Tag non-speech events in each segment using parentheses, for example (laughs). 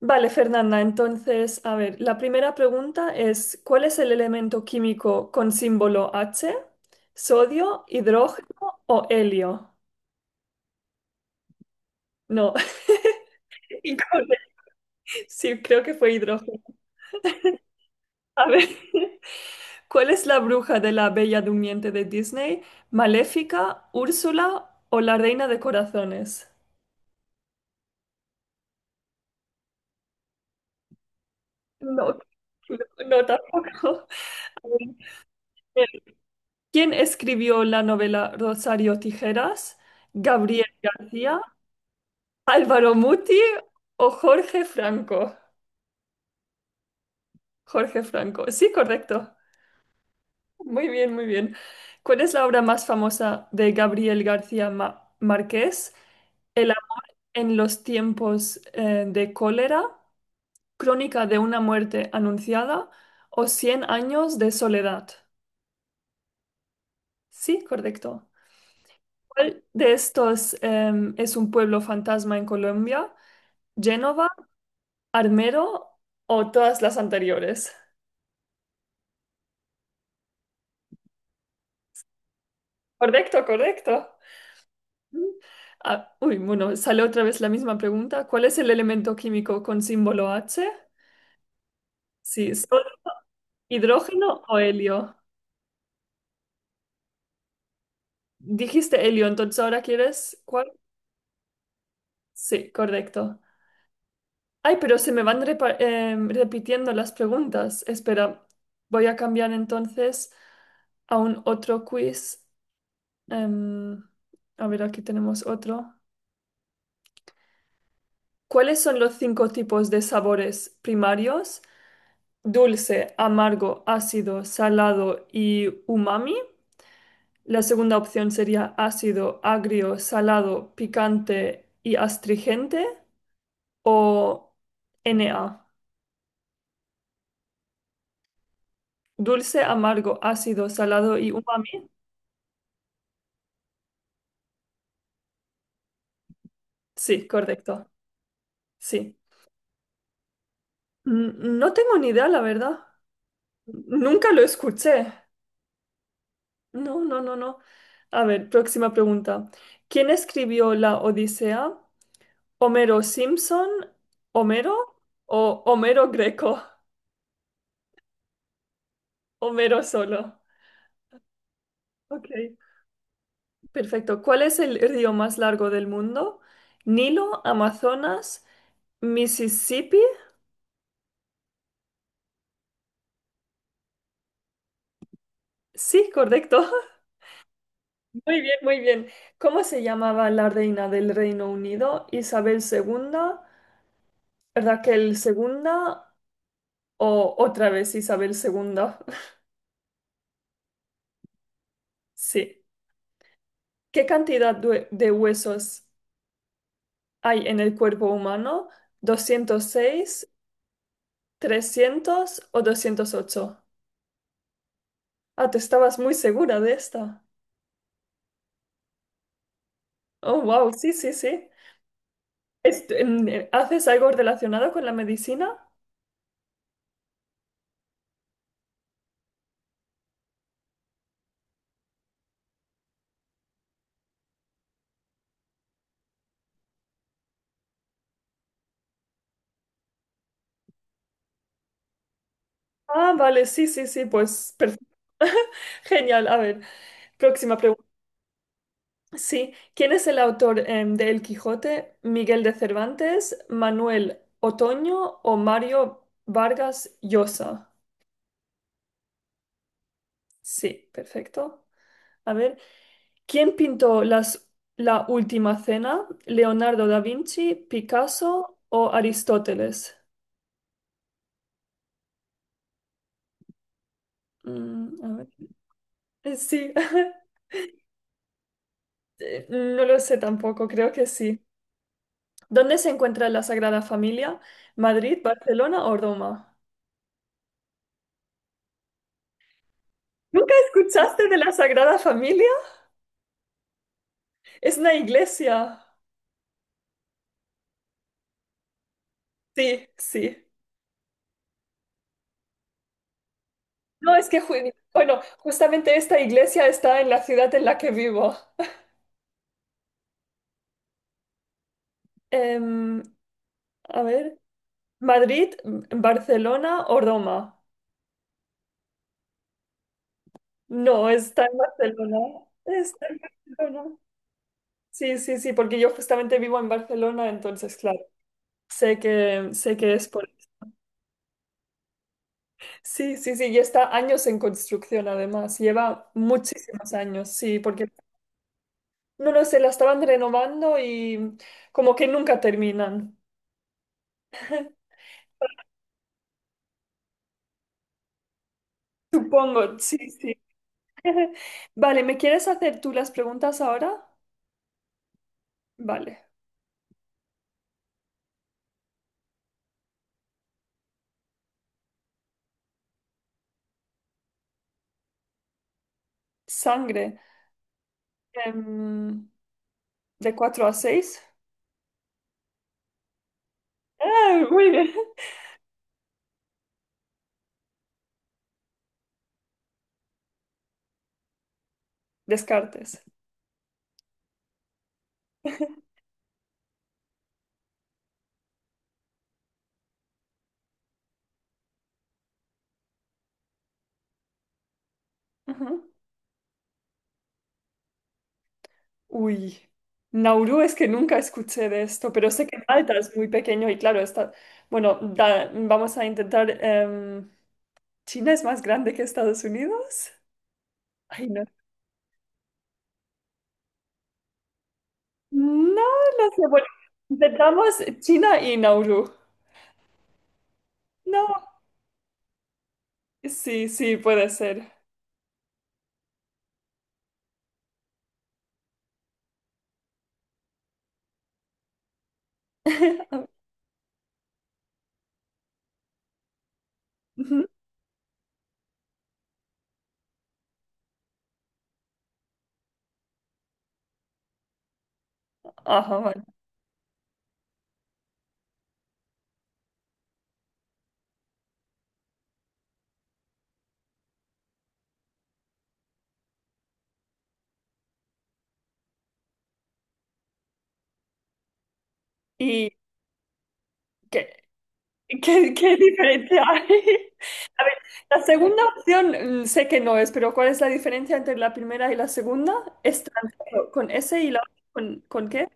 Vale, Fernanda, entonces, a ver, la primera pregunta es, ¿cuál es el elemento químico con símbolo H? ¿Sodio, hidrógeno o helio? No, (laughs) incorrecto. Sí, creo que fue hidrógeno. A ver, (laughs) ¿cuál es la bruja de la Bella Durmiente de Disney? ¿Maléfica, Úrsula o la Reina de Corazones? No, (laughs) no, no, tampoco. (laughs) A ver, ¿quién escribió la novela Rosario Tijeras? ¿Gabriel García? Álvaro Muti o Jorge Franco. Jorge Franco. Sí, correcto. Muy bien, muy bien. ¿Cuál es la obra más famosa de Gabriel García Márquez? El amor en los tiempos de cólera, Crónica de una muerte anunciada o Cien años de soledad. Sí, correcto. ¿Cuál de estos es un pueblo fantasma en Colombia? ¿Génova, Armero o todas las anteriores? Correcto, correcto. Ah, uy, bueno, sale otra vez la misma pregunta. ¿Cuál es el elemento químico con símbolo H? Sí, hidrógeno o helio? Dijiste helio, entonces ¿ahora quieres cuál? Sí, correcto. Ay, pero se me van repitiendo las preguntas. Espera, voy a cambiar entonces a un otro quiz. Em, a ver, aquí tenemos otro. ¿Cuáles son los cinco tipos de sabores primarios? Dulce, amargo, ácido, salado y umami. La segunda opción sería ácido, agrio, salado, picante y astringente o NA. Dulce, amargo, ácido, salado y umami. Sí, correcto. Sí. N- No tengo ni idea, la verdad. Nunca lo escuché. No, no, no, no. A ver, próxima pregunta. ¿Quién escribió la Odisea? ¿Homero Simpson, Homero o Homero Greco? (laughs) Homero solo. Ok, perfecto. ¿Cuál es el río más largo del mundo? Nilo, Amazonas, Mississippi. Sí, correcto. (laughs) Muy bien, muy bien. ¿Cómo se llamaba la reina del Reino Unido? ¿Isabel II, Raquel segunda o otra vez Isabel segunda? (laughs) Sí. ¿Qué cantidad de huesos hay en el cuerpo humano? 206. 300 o 208. Ah, tú estabas muy segura de esta. Oh, wow, sí, sí, sí. ¿Haces algo relacionado con la medicina? Ah, vale, sí, sí, sí, pues perfecto. (laughs) Genial, a ver, próxima pregunta. Sí, ¿quién es el autor de El Quijote? ¿Miguel de Cervantes, Manuel Otoño o Mario Vargas Llosa? Sí, perfecto. A ver. ¿Quién pintó la última cena? ¿Leonardo da Vinci, Picasso o Aristóteles? Mm, a ver. Sí. (laughs) No lo sé tampoco, creo que sí. ¿Dónde se encuentra la Sagrada Familia? ¿Madrid, Barcelona o Roma? ¿Nunca escuchaste de la Sagrada Familia? Es una iglesia. Sí, sí. No, es que, bueno, justamente esta iglesia está en la ciudad en la que vivo. Em, a ver. Madrid, Barcelona o Roma. No, está en Barcelona. Está en Barcelona. Sí, sí, sí, porque yo justamente vivo en Barcelona, entonces, claro, sé que es por... Sí, sí, sí, y está años en construcción además, lleva muchísimos años, sí, porque no lo sé, la estaban renovando y como que nunca terminan. Supongo, sí, sí. (laughs) Vale, ¿me quieres hacer tú las preguntas ahora? Vale. Sangre. em, de 4 a 6. Ah, muy bien. Descartes. Ajá. Uy. Nauru es que nunca escuché de esto, pero sé que Malta es muy pequeño y claro, está... Bueno, vamos a intentar... ¿China es más grande que Estados Unidos? Ay, no. No, no sé. Bueno, intentamos China y Nauru. No. Sí, sí, puede ser. (laughs) Ujú. Ajá, vale. ¿Y qué? ¿Qué diferencia hay? (laughs) A ver, la segunda opción sé que no es, pero ¿cuál es la diferencia entre la primera y la segunda? Es transgénero, con S y la ¿con qué?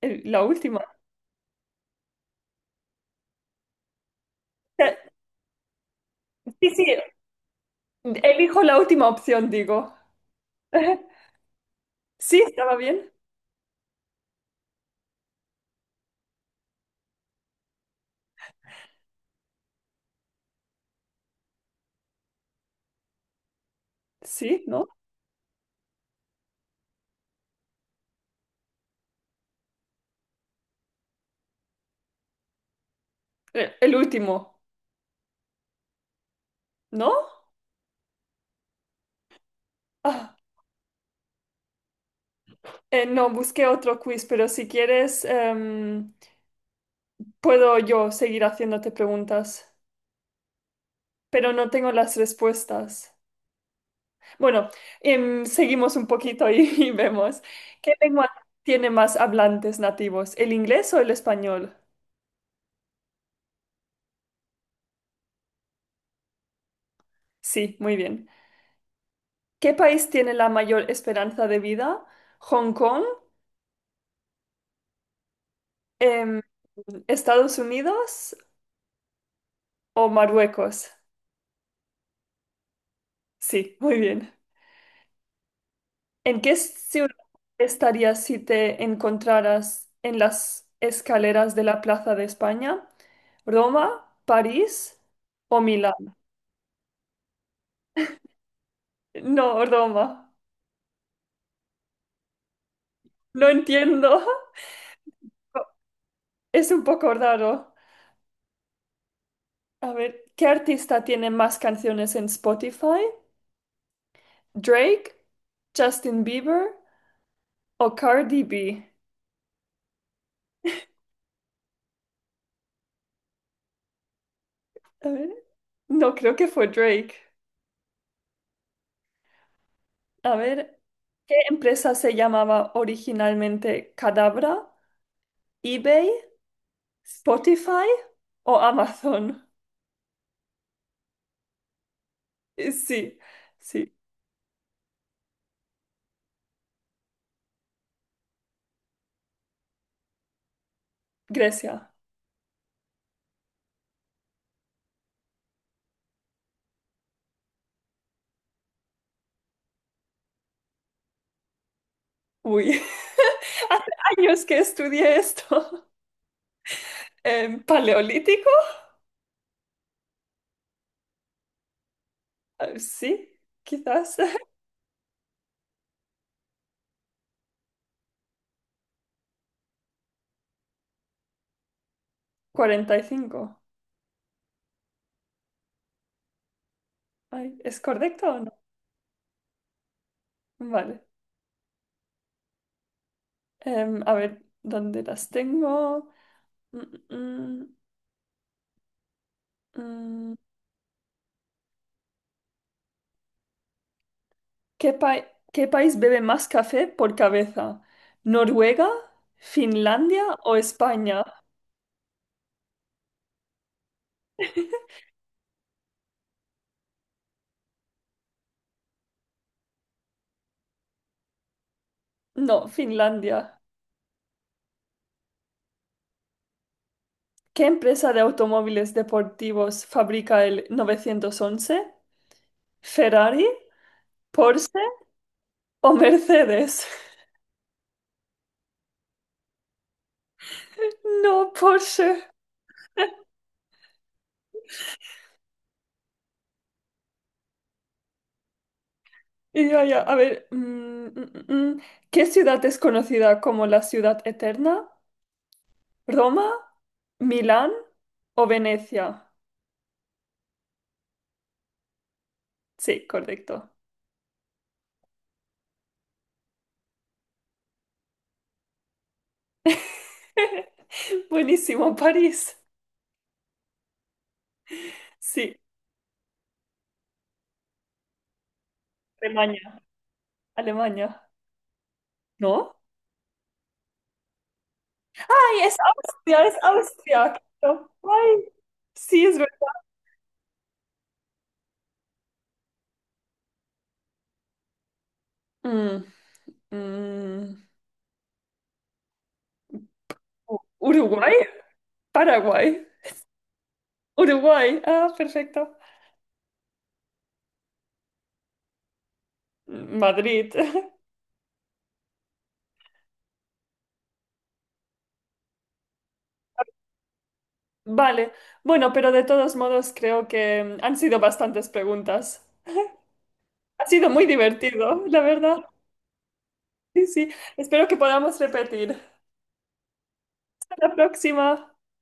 La última. O sí, sí, elijo la última opción, digo. (laughs) Sí, estaba bien. Sí, ¿no? El último, ¿no? Ah, no, busqué otro quiz, pero si quieres, puedo yo seguir haciéndote preguntas, pero no tengo las respuestas. Bueno, seguimos un poquito y (laughs) y vemos. ¿Qué lengua tiene más hablantes nativos, el inglés o el español? Sí, muy bien. ¿Qué país tiene la mayor esperanza de vida? ¿Hong Kong, em, Estados Unidos o Marruecos? Sí, muy bien. ¿En qué ciudad estarías si te encontraras en las escaleras de la Plaza de España? ¿Roma, París o Milán? No, Roma. No entiendo. Es un poco raro. A ver, ¿qué artista tiene más canciones en Spotify? ¿Drake, Justin Bieber o Cardi B? A ver, no creo que fue Drake. A ver, ¿qué empresa se llamaba originalmente Cadabra? ¿eBay, Spotify o Amazon? Sí, sí, Grecia. Uy, (laughs) hace años que estudié esto. (laughs) ¿Paleolítico? Sí, quizás. (laughs) 45. Ay, ¿es correcto o no? Vale. Em, a ver, ¿dónde las tengo? Mm, mm, mm. mm. ¿Qué qué país bebe más café por cabeza? ¿Noruega, Finlandia o España? No, Finlandia. ¿Qué empresa de automóviles deportivos fabrica el 911? ¿Ferrari, Porsche o Mercedes? (laughs) No, Porsche. Y ya ya, a ver, mm, mm, ¿qué ciudad es conocida como la ciudad eterna? ¿Roma, Milán o Venecia? Sí, correcto. (laughs) Buenísimo, París. Sí, Alemania. Alemania. ¿No? ¡Ay, es Austria, es Austria! Claro. ¡Ay! Sí, es verdad. Mm, mm. ¿Uruguay? Paraguay. Uruguay. Ah, perfecto. Mm, Madrid. (laughs) Vale, bueno, pero de todos modos creo que han sido bastantes preguntas. Ha sido muy divertido, la verdad. Sí, sí. Espero que podamos repetir. Hasta la próxima.